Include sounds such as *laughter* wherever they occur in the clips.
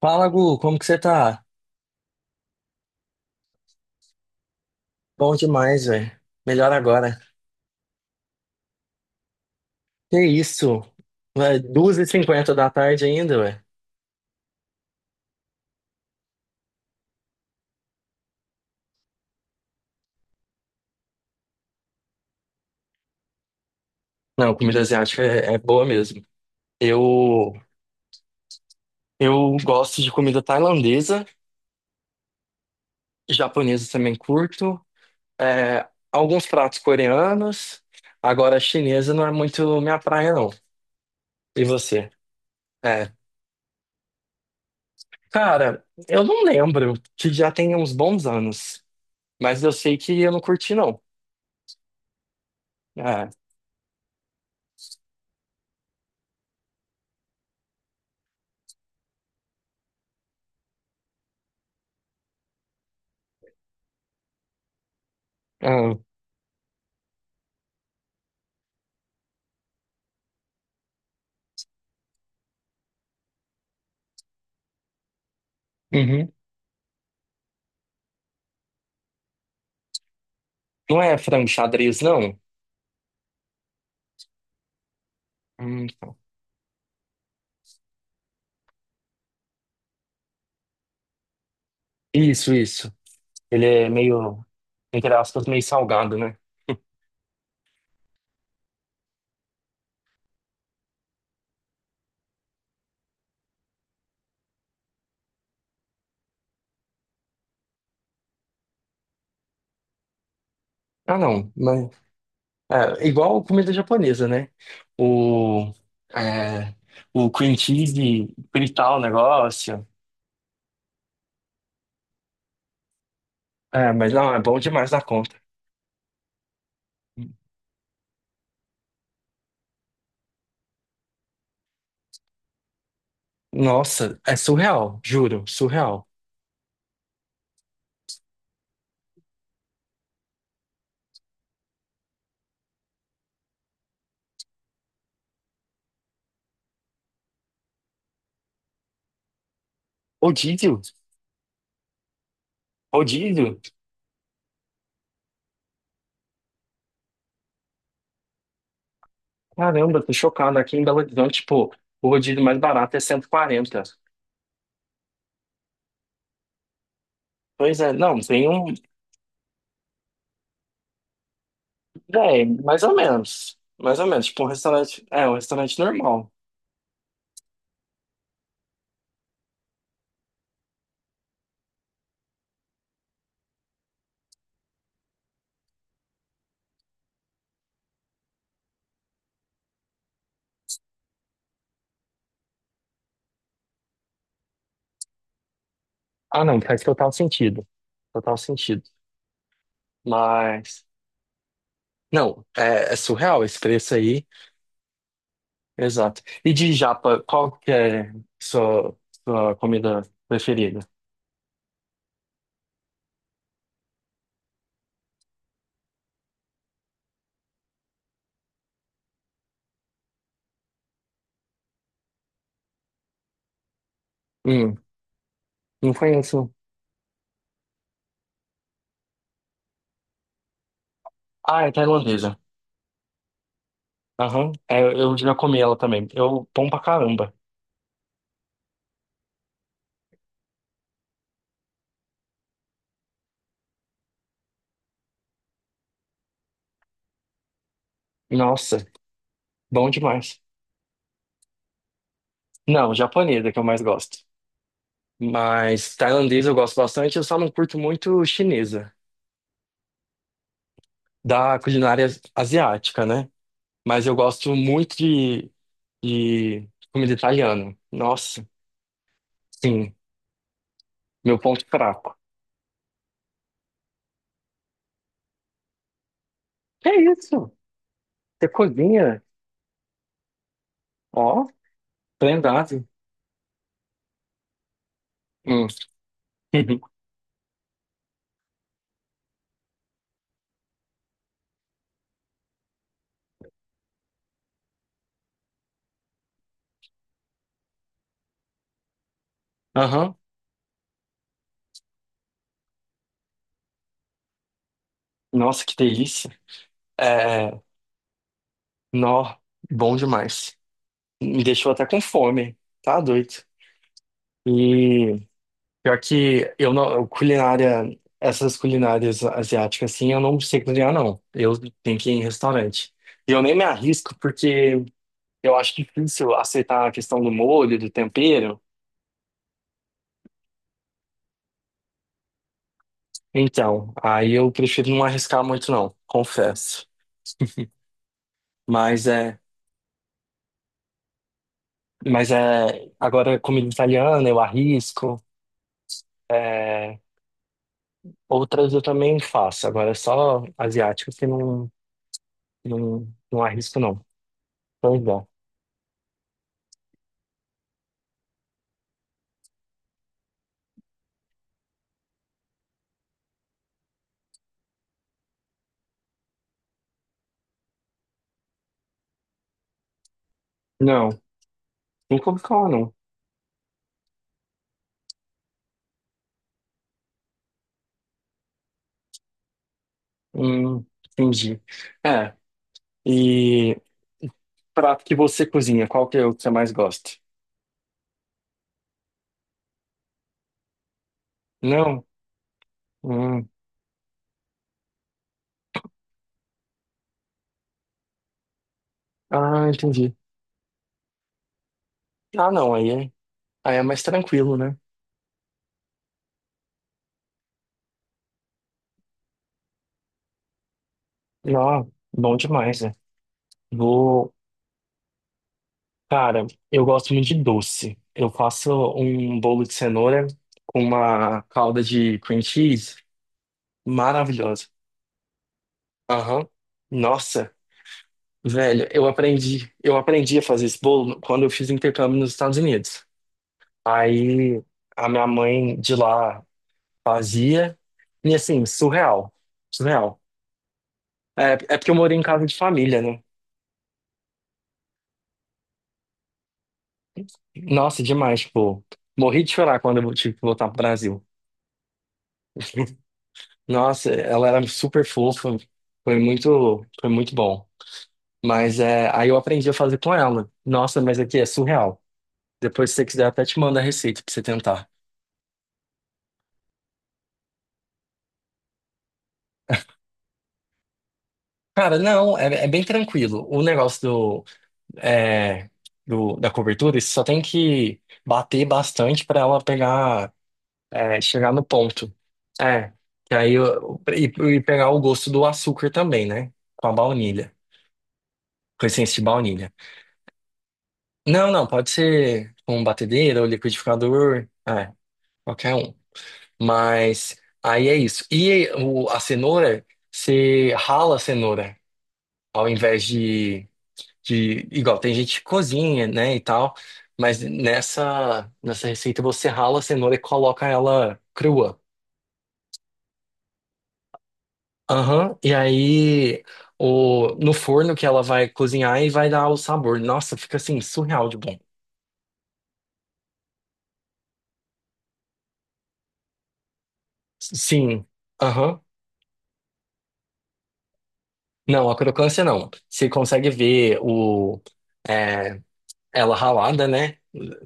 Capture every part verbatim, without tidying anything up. Fala, Gu, como que você tá? Bom demais, velho. Melhor agora. Que isso? Vai, duas e cinquenta e cinquenta da tarde ainda, velho. Não, comida asiática é, é boa mesmo. Eu, eu gosto de comida tailandesa, japonesa também curto, é, alguns pratos coreanos. Agora, chinesa não é muito minha praia, não. E você? É. Cara, eu não lembro, que já tem uns bons anos, mas eu sei que eu não curti, não. É. Ah, uhum. Não é frango xadrez, não? Hum, tá. Isso, isso. Ele é meio, entre aspas, meio salgado, né? Ah, não. Mas, é, igual comida japonesa, né? O, é, o cream cheese, fritar o negócio. É, mas não, é bom demais da conta. Nossa, é surreal, juro, surreal. Rodízio? Rodízio? Caramba, tô chocado. Aqui em Belo Horizonte, tipo, o rodízio mais barato é cento e quarenta. Pois é, não, tem um. Véi, mais ou menos. Mais ou menos. Tipo, um restaurante. É, um restaurante normal. Ah, não, faz total sentido. Total sentido. Mas. Não, é, é surreal esse preço aí. Exato. E de japa, qual que é sua, sua comida preferida? Hum, não conheço. Ah, é tailandesa. Aham. É, eu já comi ela também. Eu, bom pra caramba. Nossa, bom demais. Não, japonesa que eu mais gosto. Mas tailandesa eu gosto bastante, eu só não curto muito chinesa, da culinária asiática, né? Mas eu gosto muito de, de comida italiana. Nossa, sim, meu ponto fraco. Que isso? Você cozinha? Ó, prendado. Hum. *laughs* Aham. Nossa, que delícia. É, nó, bom demais. Me deixou até com fome. Tá doido. E Pior que eu não, culinária, essas culinárias asiáticas assim, eu não sei cozinhar não. Eu tenho que ir em restaurante. E eu nem me arrisco porque eu acho difícil aceitar a questão do molho, do tempero. Então, aí eu prefiro não arriscar muito não, confesso. *laughs* Mas é, mas é, agora comida italiana eu arrisco, é, outras eu também faço. Agora é só asiáticas que não, não, não arrisco não. Pois é. Não. Nunca ouvi falar, não. Hum, entendi. É, e prato que você cozinha, qual que é o que você mais gosta? Não? Hum. Ah, entendi. Ah, não, aí é, aí é mais tranquilo, né? Não, bom demais, né? Vou. Cara, eu gosto muito de doce. Eu faço um bolo de cenoura com uma calda de cream cheese maravilhosa. Aham. Nossa, velho, eu aprendi, eu aprendi a fazer esse bolo quando eu fiz intercâmbio nos Estados Unidos. Aí a minha mãe de lá fazia. E assim, surreal. Surreal. É, é porque eu morei em casa de família, né? Nossa, demais, tipo, morri de chorar quando eu tive que voltar pro Brasil. Nossa, ela era super fofa. Foi muito, foi muito bom. Mas é, aí eu aprendi a fazer com ela. Nossa, mas aqui é surreal. Depois, se você quiser, até te mando a receita pra você tentar. Cara, não, é, é bem tranquilo. O negócio é, do- da cobertura, você só tem que bater bastante para ela pegar, é, chegar no ponto. É, e aí eu- e, e pegar o gosto do açúcar também, né? Com a baunilha, com a essência de baunilha. Não, não, pode ser com batedeira ou liquidificador, é, qualquer um. Mas aí é isso. E o- a cenoura, você rala a cenoura ao invés de de igual tem gente que cozinha, né, e tal, mas nessa nessa receita você rala a cenoura e coloca ela crua. Aham, e aí o no forno que ela vai cozinhar e vai dar o sabor. Nossa, fica assim surreal de bom. Sim. Aham. Não, a crocância não. Você consegue ver o, é, ela ralada, né?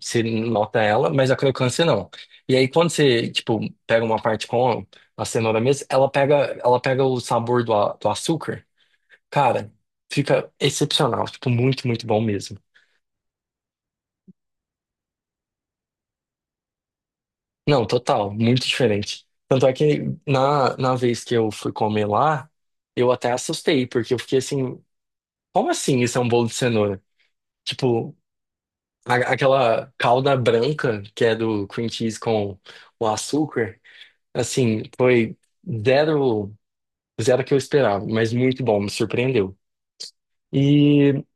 Você nota ela, mas a crocância não. E aí quando você, tipo, pega uma parte com a cenoura mesmo, ela pega, ela pega o sabor do, a- do açúcar. Cara, fica excepcional, tipo, muito, muito bom mesmo. Não, total, muito diferente. Tanto é que na, na vez que eu fui comer lá, eu até assustei, porque eu fiquei assim, como assim isso é um bolo de cenoura? Tipo, a- aquela calda branca que é do cream cheese com o açúcar, assim, foi zero, zero que eu esperava, mas muito bom, me surpreendeu. E o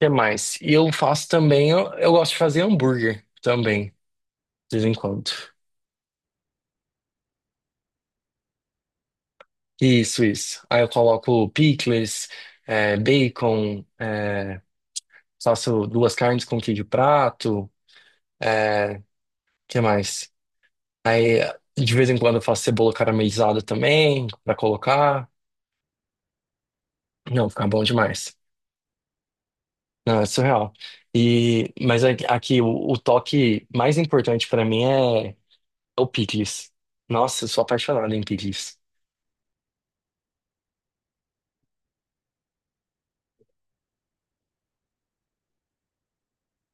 que mais? E eu faço também, eu, eu gosto de fazer hambúrguer também, de vez em quando. Isso, isso. Aí eu coloco picles, é, bacon, é, faço duas carnes com queijo prato, é, que mais? Aí, de vez em quando, eu faço cebola caramelizada também, pra colocar. Não, fica bom demais. Não, é surreal. E, mas aqui, aqui, o, o toque mais importante pra mim é é o picles. Nossa, eu sou apaixonado em picles.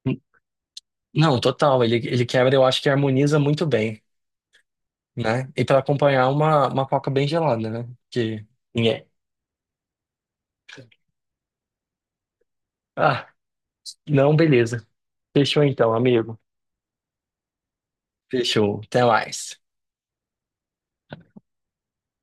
N- Não, total. Ele, ele quebra, eu acho que harmoniza muito bem, né? E pra acompanhar uma, uma coca bem gelada, né? Que ninguém. Ah, não, beleza. Fechou então, amigo. Fechou. Até mais.